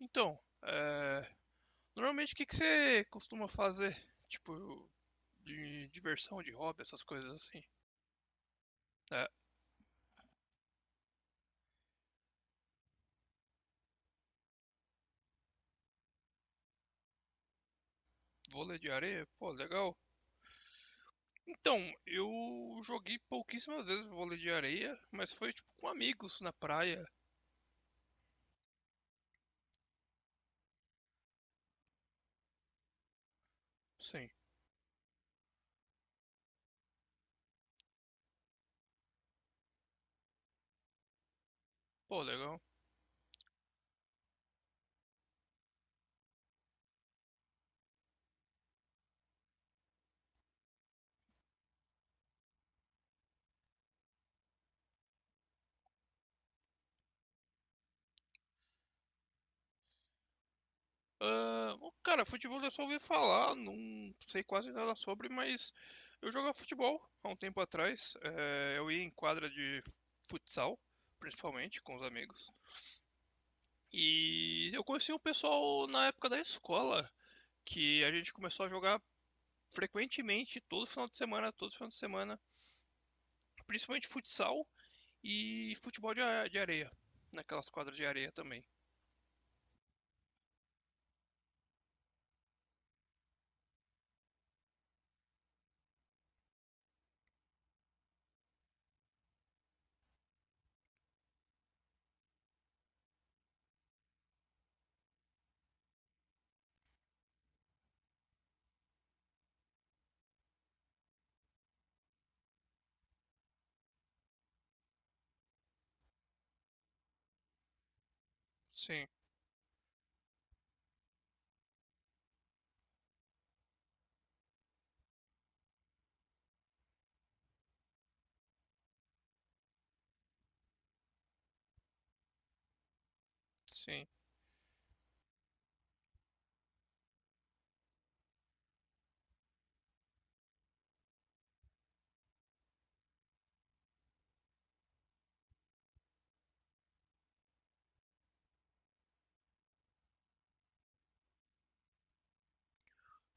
Então, é, normalmente o que que você costuma fazer? Tipo, de diversão, de hobby, essas coisas assim. É, vôlei de areia, pô, legal. Então, eu joguei pouquíssimas vezes vôlei de areia, mas foi tipo com amigos na praia. Sim, pô, legal. Ah, o cara, futebol eu só ouvi falar, não sei quase nada sobre, mas eu jogava futebol há um tempo atrás. É, eu ia em quadra de futsal, principalmente com os amigos. E eu conheci um pessoal na época da escola, que a gente começou a jogar frequentemente, todo final de semana, todo final de semana, principalmente futsal e futebol de areia, naquelas quadras de areia também. Sim, sim.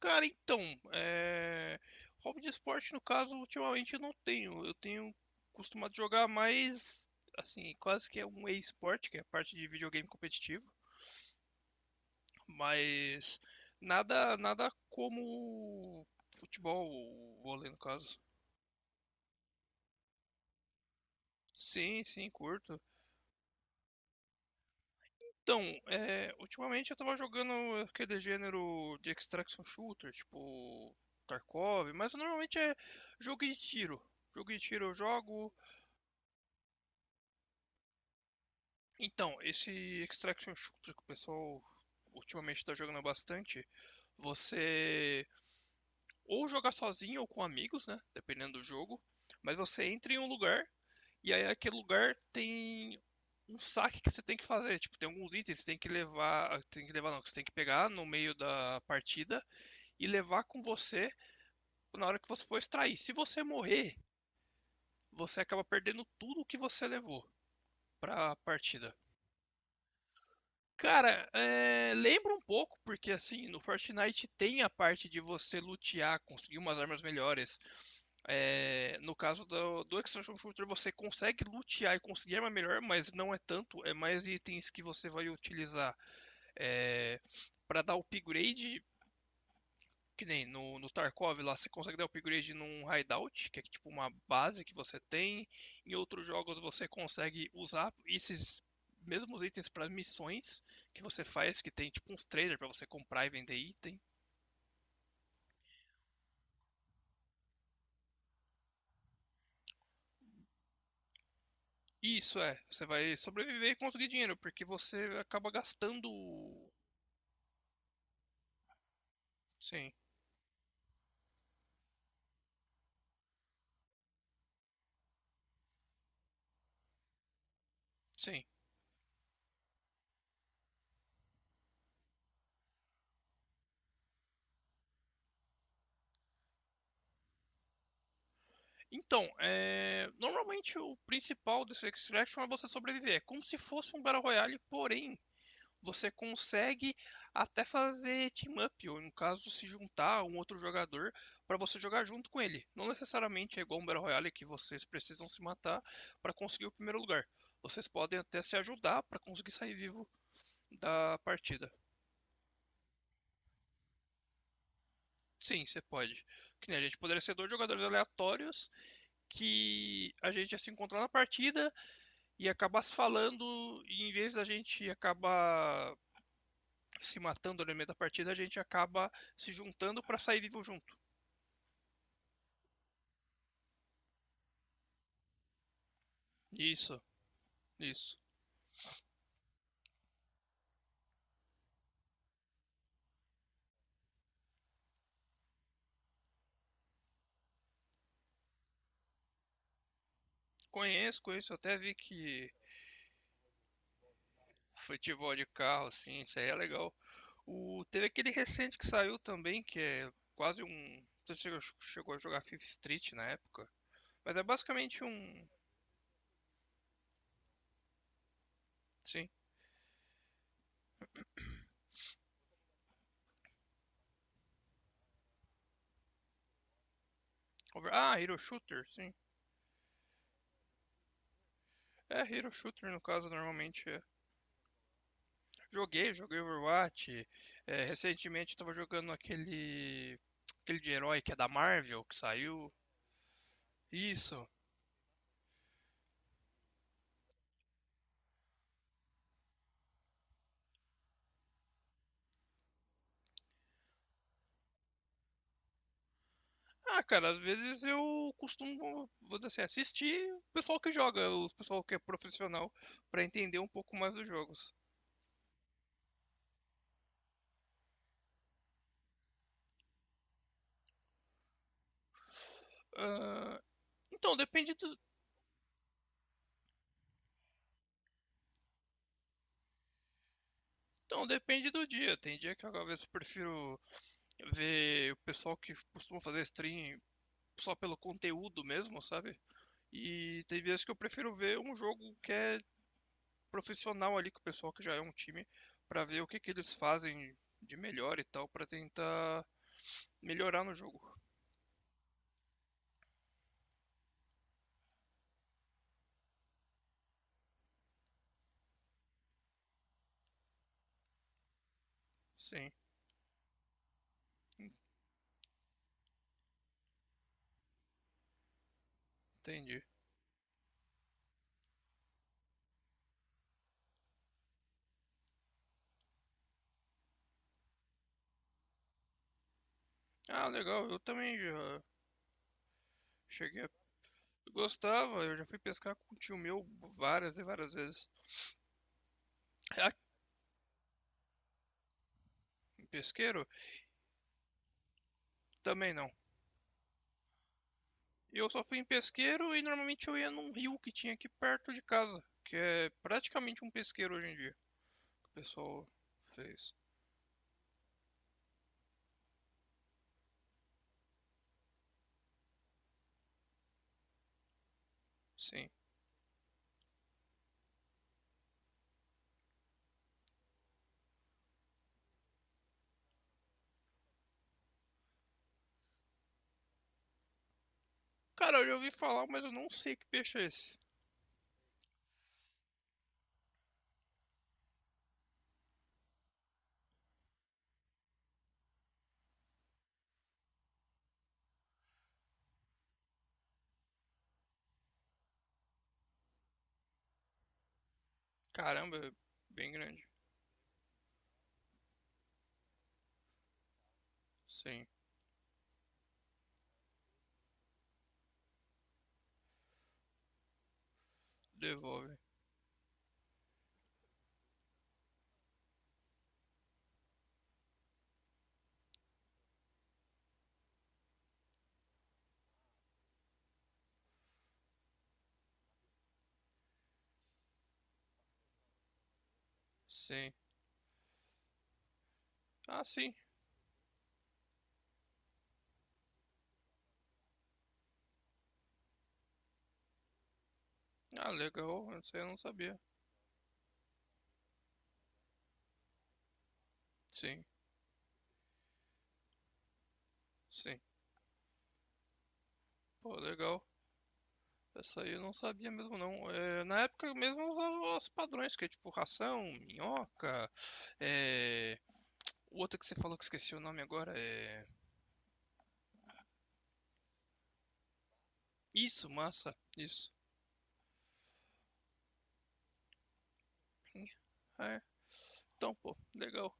Cara, então, é... hobby de esporte, no caso, ultimamente eu não tenho. Eu tenho costumado jogar mais, assim, quase que é um e-esporte, que é a parte de videogame competitivo. Mas nada, nada como futebol, vôlei no caso. Sim, sim, curto. Então, é, ultimamente eu tava jogando aquele gênero de extraction shooter, tipo Tarkov, mas normalmente é jogo de tiro. Jogo de tiro eu jogo. Então, esse extraction shooter que o pessoal ultimamente tá jogando bastante, você ou jogar sozinho ou com amigos, né? Dependendo do jogo. Mas você entra em um lugar e aí aquele lugar tem um saque que você tem que fazer. Tipo, tem alguns itens que você tem que levar. Tem que levar não, que você tem que pegar no meio da partida e levar com você na hora que você for extrair. Se você morrer, você acaba perdendo tudo o que você levou pra partida. Cara, lembra um pouco, porque assim, no Fortnite tem a parte de você lutear, conseguir umas armas melhores. No caso do Extraction Shooter, você consegue lutear e conseguir arma melhor, mas não é tanto, é mais itens que você vai utilizar, é, para dar upgrade, que nem no Tarkov lá, você consegue dar upgrade num hideout, que é tipo uma base que você tem. Em outros jogos você consegue usar esses mesmos itens para missões que você faz, que tem tipo uns traders para você comprar e vender item. E isso é, você vai sobreviver e conseguir dinheiro, porque você acaba gastando. Sim, sim. Então, normalmente o principal desse Extraction é você sobreviver. É como se fosse um Battle Royale, porém você consegue até fazer team up, ou no caso, se juntar a um outro jogador para você jogar junto com ele. Não necessariamente é igual um Battle Royale que vocês precisam se matar para conseguir o primeiro lugar. Vocês podem até se ajudar para conseguir sair vivo da partida. Sim, você pode. Que nem a gente poderia ser dois jogadores aleatórios que a gente ia se encontrar na partida e acabar se falando, e em vez da gente acabar se matando no meio da partida, a gente acaba se juntando para sair vivo junto. Isso, isso. Conheço, conheço. Eu Até vi que futebol de carro, assim, isso aí é legal. O, teve aquele recente que saiu também, que é quase um. Você chegou a jogar Fifth Street na época? Mas é basicamente um. Sim. Ah, Hero Shooter, sim. É, Hero Shooter no caso, normalmente é. Joguei, joguei Overwatch. É, recentemente eu tava jogando aquele. Aquele de herói que é da Marvel, que saiu. Isso. Ah, cara, às vezes eu costumo, vou dizer assim, assistir o pessoal que joga, o pessoal que é profissional, pra entender um pouco mais dos jogos. Ah, então, depende do, então, depende do dia. Tem dia que eu, às vezes eu prefiro ver o pessoal que costuma fazer stream só pelo conteúdo mesmo, sabe? E tem vezes que eu prefiro ver um jogo que é profissional ali, com o pessoal que já é um time, pra ver o que que eles fazem de melhor e tal, pra tentar melhorar no jogo. Sim. Entendi. Ah, legal. Eu também já cheguei a... gostava, eu já fui pescar com um tio meu várias e várias vezes. Ah, em pesqueiro? Também não. Eu só fui em pesqueiro e normalmente eu ia num rio que tinha aqui perto de casa, que é praticamente um pesqueiro hoje em dia. O pessoal fez. Sim. Cara, eu já ouvi falar, mas eu não sei que peixe é esse. Caramba, é bem grande. Sim. Devolve. Sim. Ah, sim. Ah, legal. Isso aí eu não sabia. Sim. Sim. Pô, legal. Essa aí eu não sabia mesmo não. É, na época mesmo eu usava os padrões, que é tipo ração, minhoca, é, o outro que você falou que esqueci o nome agora é... Isso, massa, isso. É, então, pô, legal.